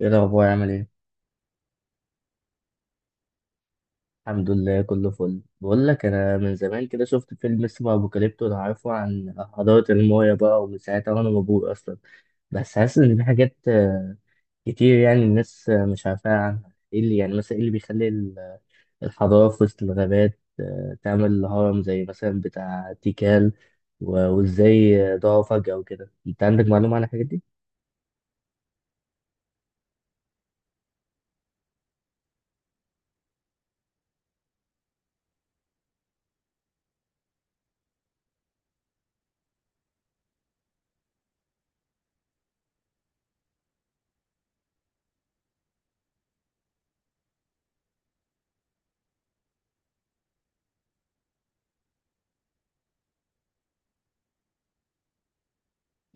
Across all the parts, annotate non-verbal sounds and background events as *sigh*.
ايه الاخبار؟ عامل ايه؟ الحمد لله، كله فل. بقول لك، انا من زمان كده شفت فيلم اسمه ابوكاليبتو، لو عارفه، عن حضاره المايا بقى. ومن ساعتها وانا مبهور اصلا. بس حاسس ان في حاجات كتير، يعني الناس مش عارفاها عنها. ايه اللي يعني مثلا، ايه اللي بيخلي الحضاره في وسط الغابات تعمل هرم زي مثلا بتاع تيكال، وازاي ضاعوا فجأة وكده؟ انت عندك معلومة عن الحاجات دي؟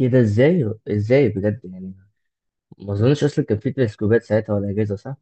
ايه ده؟ ازاي ازاي بجد يعني؟ ما اظنش اصلا كان في تلسكوبات ساعتها ولا اجهزة، صح؟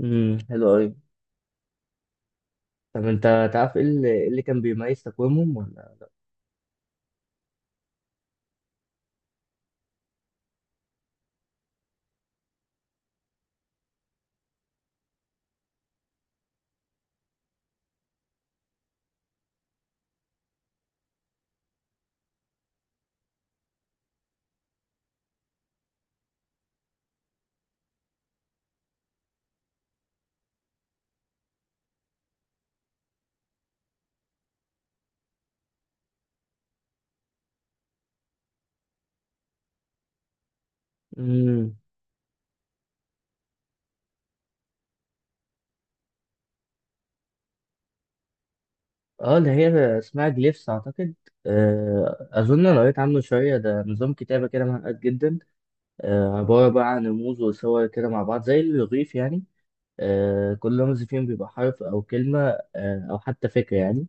امم، حلو قوي. طب انت تعرف ايه اللي، إيه اللي كان بيميز تقويمهم ولا لا؟ امم. اه، اللي هي اسمها جليفس اعتقد. اظن أنا قريت عنه شويه، ده نظام كتابه كده معقد جدا. عباره بقى عن رموز وصور كده مع بعض، زي الرغيف يعني. كل رمز فيهم بيبقى حرف او كلمه، او حتى فكره يعني.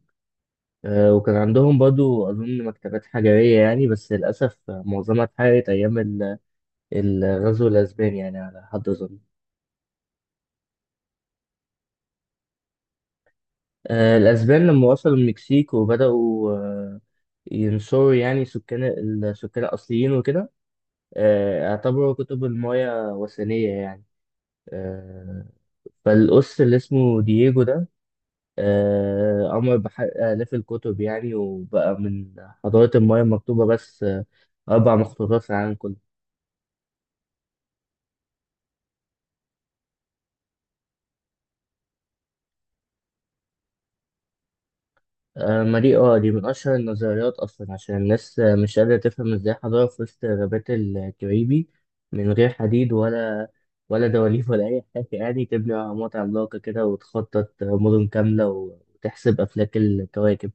وكان عندهم برضو اظن مكتبات حجريه يعني، بس للاسف معظمها اتحرقت ايام الغزو الاسباني يعني، على حد اظن. الأسبان لما وصلوا المكسيك وبدأوا ينصروا يعني السكان الأصليين وكده. اعتبروا كتب المايا وثنية يعني. آه، فالقس اللي اسمه دييجو ده أمر بحرق آلاف الكتب يعني. وبقى من حضارة المايا مكتوبة بس أربع مخطوطات في العالم كله. ما دي من أشهر النظريات أصلا، عشان الناس مش قادرة تفهم ازاي حضارة في وسط غابات الكاريبي من غير حديد، ولا دواليب، ولا أي حاجة يعني، تبني أهرامات عملاقة كده وتخطط مدن كاملة وتحسب أفلاك الكواكب.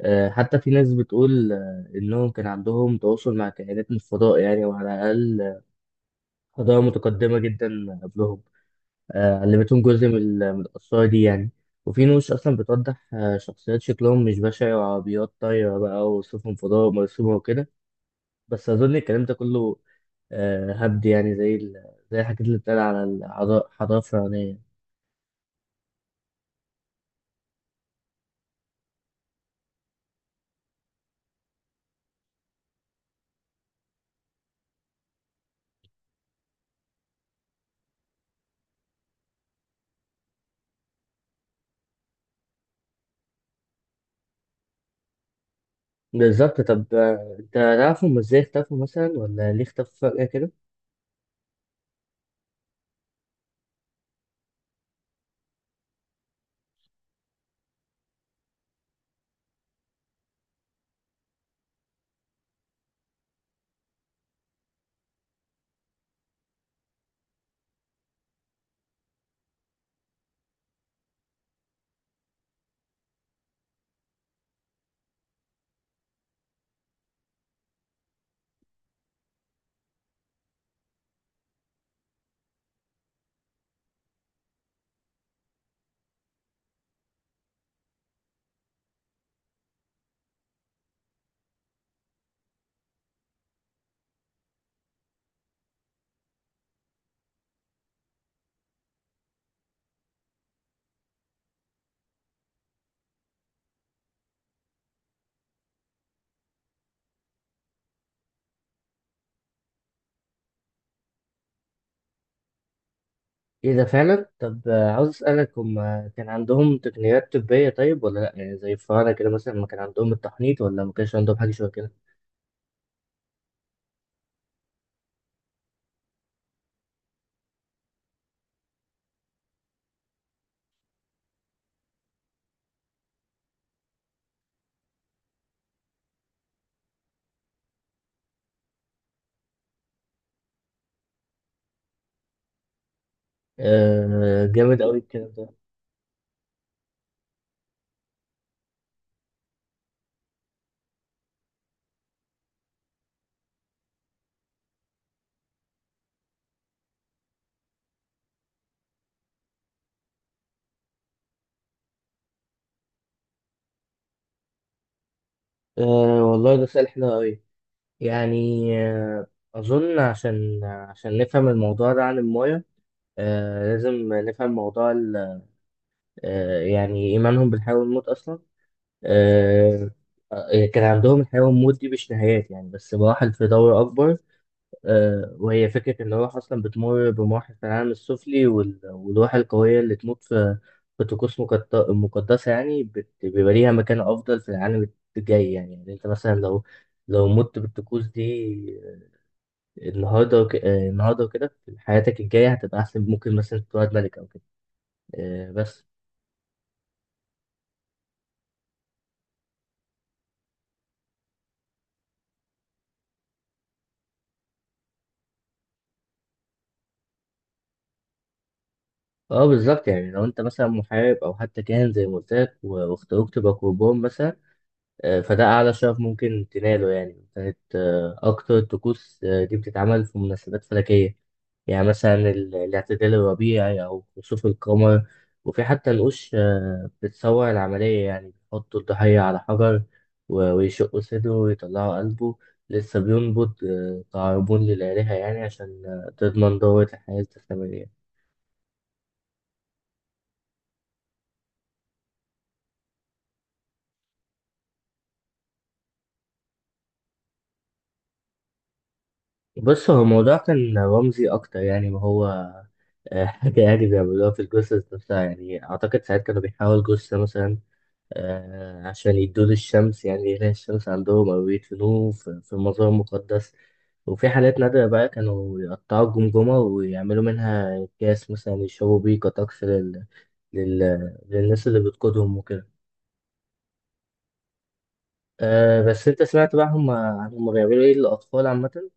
حتى في ناس بتقول إنهم كان عندهم تواصل مع كائنات من الفضاء يعني، وعلى الأقل حضارة متقدمة جدا قبلهم علمتهم جزء من القصة دي يعني. وفي نوش أصلا بتوضح شخصيات شكلهم مش بشع، وعربيات طايرة بقى، وسفن فضاء مرسومة وكده. بس أظن الكلام ده كله هبد يعني، زي زي الحاجات اللي بتتقال على الحضارة الفرعونية. بالظبط. طب أنت تعرف هم إزاي اختفوا مثلا، ولا ليه اختفوا فجأة كده؟ إيه ده فعلا؟ طب عاوز أسألك، هم كان عندهم تقنيات طبية طيب ولا لأ؟ يعني زي الفراعنة كده مثلا، ما كان عندهم التحنيط ولا ما كانش عندهم حاجة شبه كده؟ آه، جامد أوي الكلام ده. آه، والله ده سؤال حلو أوي يعني. أظن عشان نفهم الموضوع ده عن الماية لازم نفهم موضوع يعني إيمانهم بالحياة والموت أصلا. آه كان عندهم الحياة والموت دي مش نهايات يعني، بس مراحل في دور أكبر. وهي فكرة إن الروح أصلا بتمر بمراحل في العالم السفلي، والروح القوية اللي تموت في طقوس مقدسة يعني بيبقى ليها مكان أفضل في العالم الجاي يعني. يعني أنت مثلا لو مت بالطقوس دي آه، النهاردة وك... آه، النهاردة وكده، في حياتك الجاية هتبقى أحسن، ممكن مثلا تتولد ملك أو كده. آه، بس. اه، بالظبط، يعني لو انت مثلا محارب او حتى كاهن زي ما قلت لك، واختاروك تبقى قربان مثلا فده أعلى شرف ممكن تناله يعني. كانت أكتر الطقوس دي بتتعمل في مناسبات فلكية، يعني مثلا الاعتدال الربيعي أو خسوف القمر. وفي حتى نقوش بتصور العملية، يعني بيحطوا الضحية على حجر، ويشقوا صدره ويطلعوا قلبه لسه بينبض تعربون للآلهة يعني، عشان تضمن دورة الحياة الاستمرارية. بص، هو الموضوع كان رمزي أكتر يعني. ما هو *laughs* حاجة يعني بيعملوها في الجثث نفسها يعني. أعتقد ساعات كانوا بيحاولوا جثة مثلا عشان يدوا الشمس، يعني يلاقي الشمس عندهم، أو يدفنوه في مزار مقدس. وفي حالات نادرة بقى كانوا يقطعوا الجمجمة ويعملوا منها أكياس مثلا يشربوا بيه، كطقس لل... للناس اللي بتقودهم وكده. أه، بس أنت سمعت بقى، هم بيعملوا إيه للأطفال عامة؟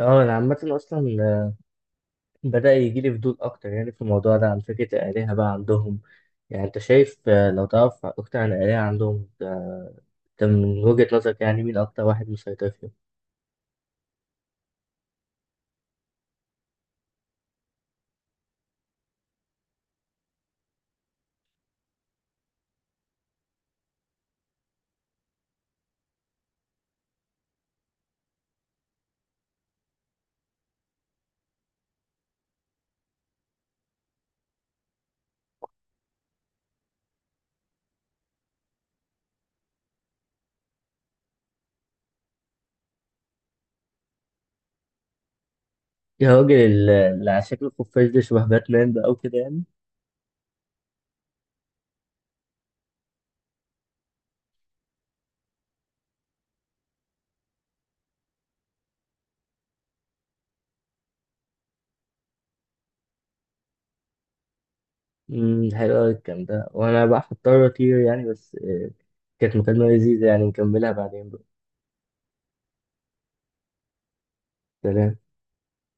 اه، أنا عامة أصلا بدأ يجيلي فضول أكتر يعني في الموضوع ده، عن فكرة الآلهة بقى عندهم. يعني أنت شايف لو تعرف أكتر عن الآلهة عندهم أنت من وجهة نظرك يعني، مين أكتر واحد مسيطر فيهم؟ يا راجل، اللي على شكل الخفاش ده شبه باتمان بقى وكده يعني. امم، حلو أوي الكلام ده. وأنا بقى هضطر أطير يعني، بس كانت مكالمة لذيذة يعني، نكملها بعدين بقى. سلام.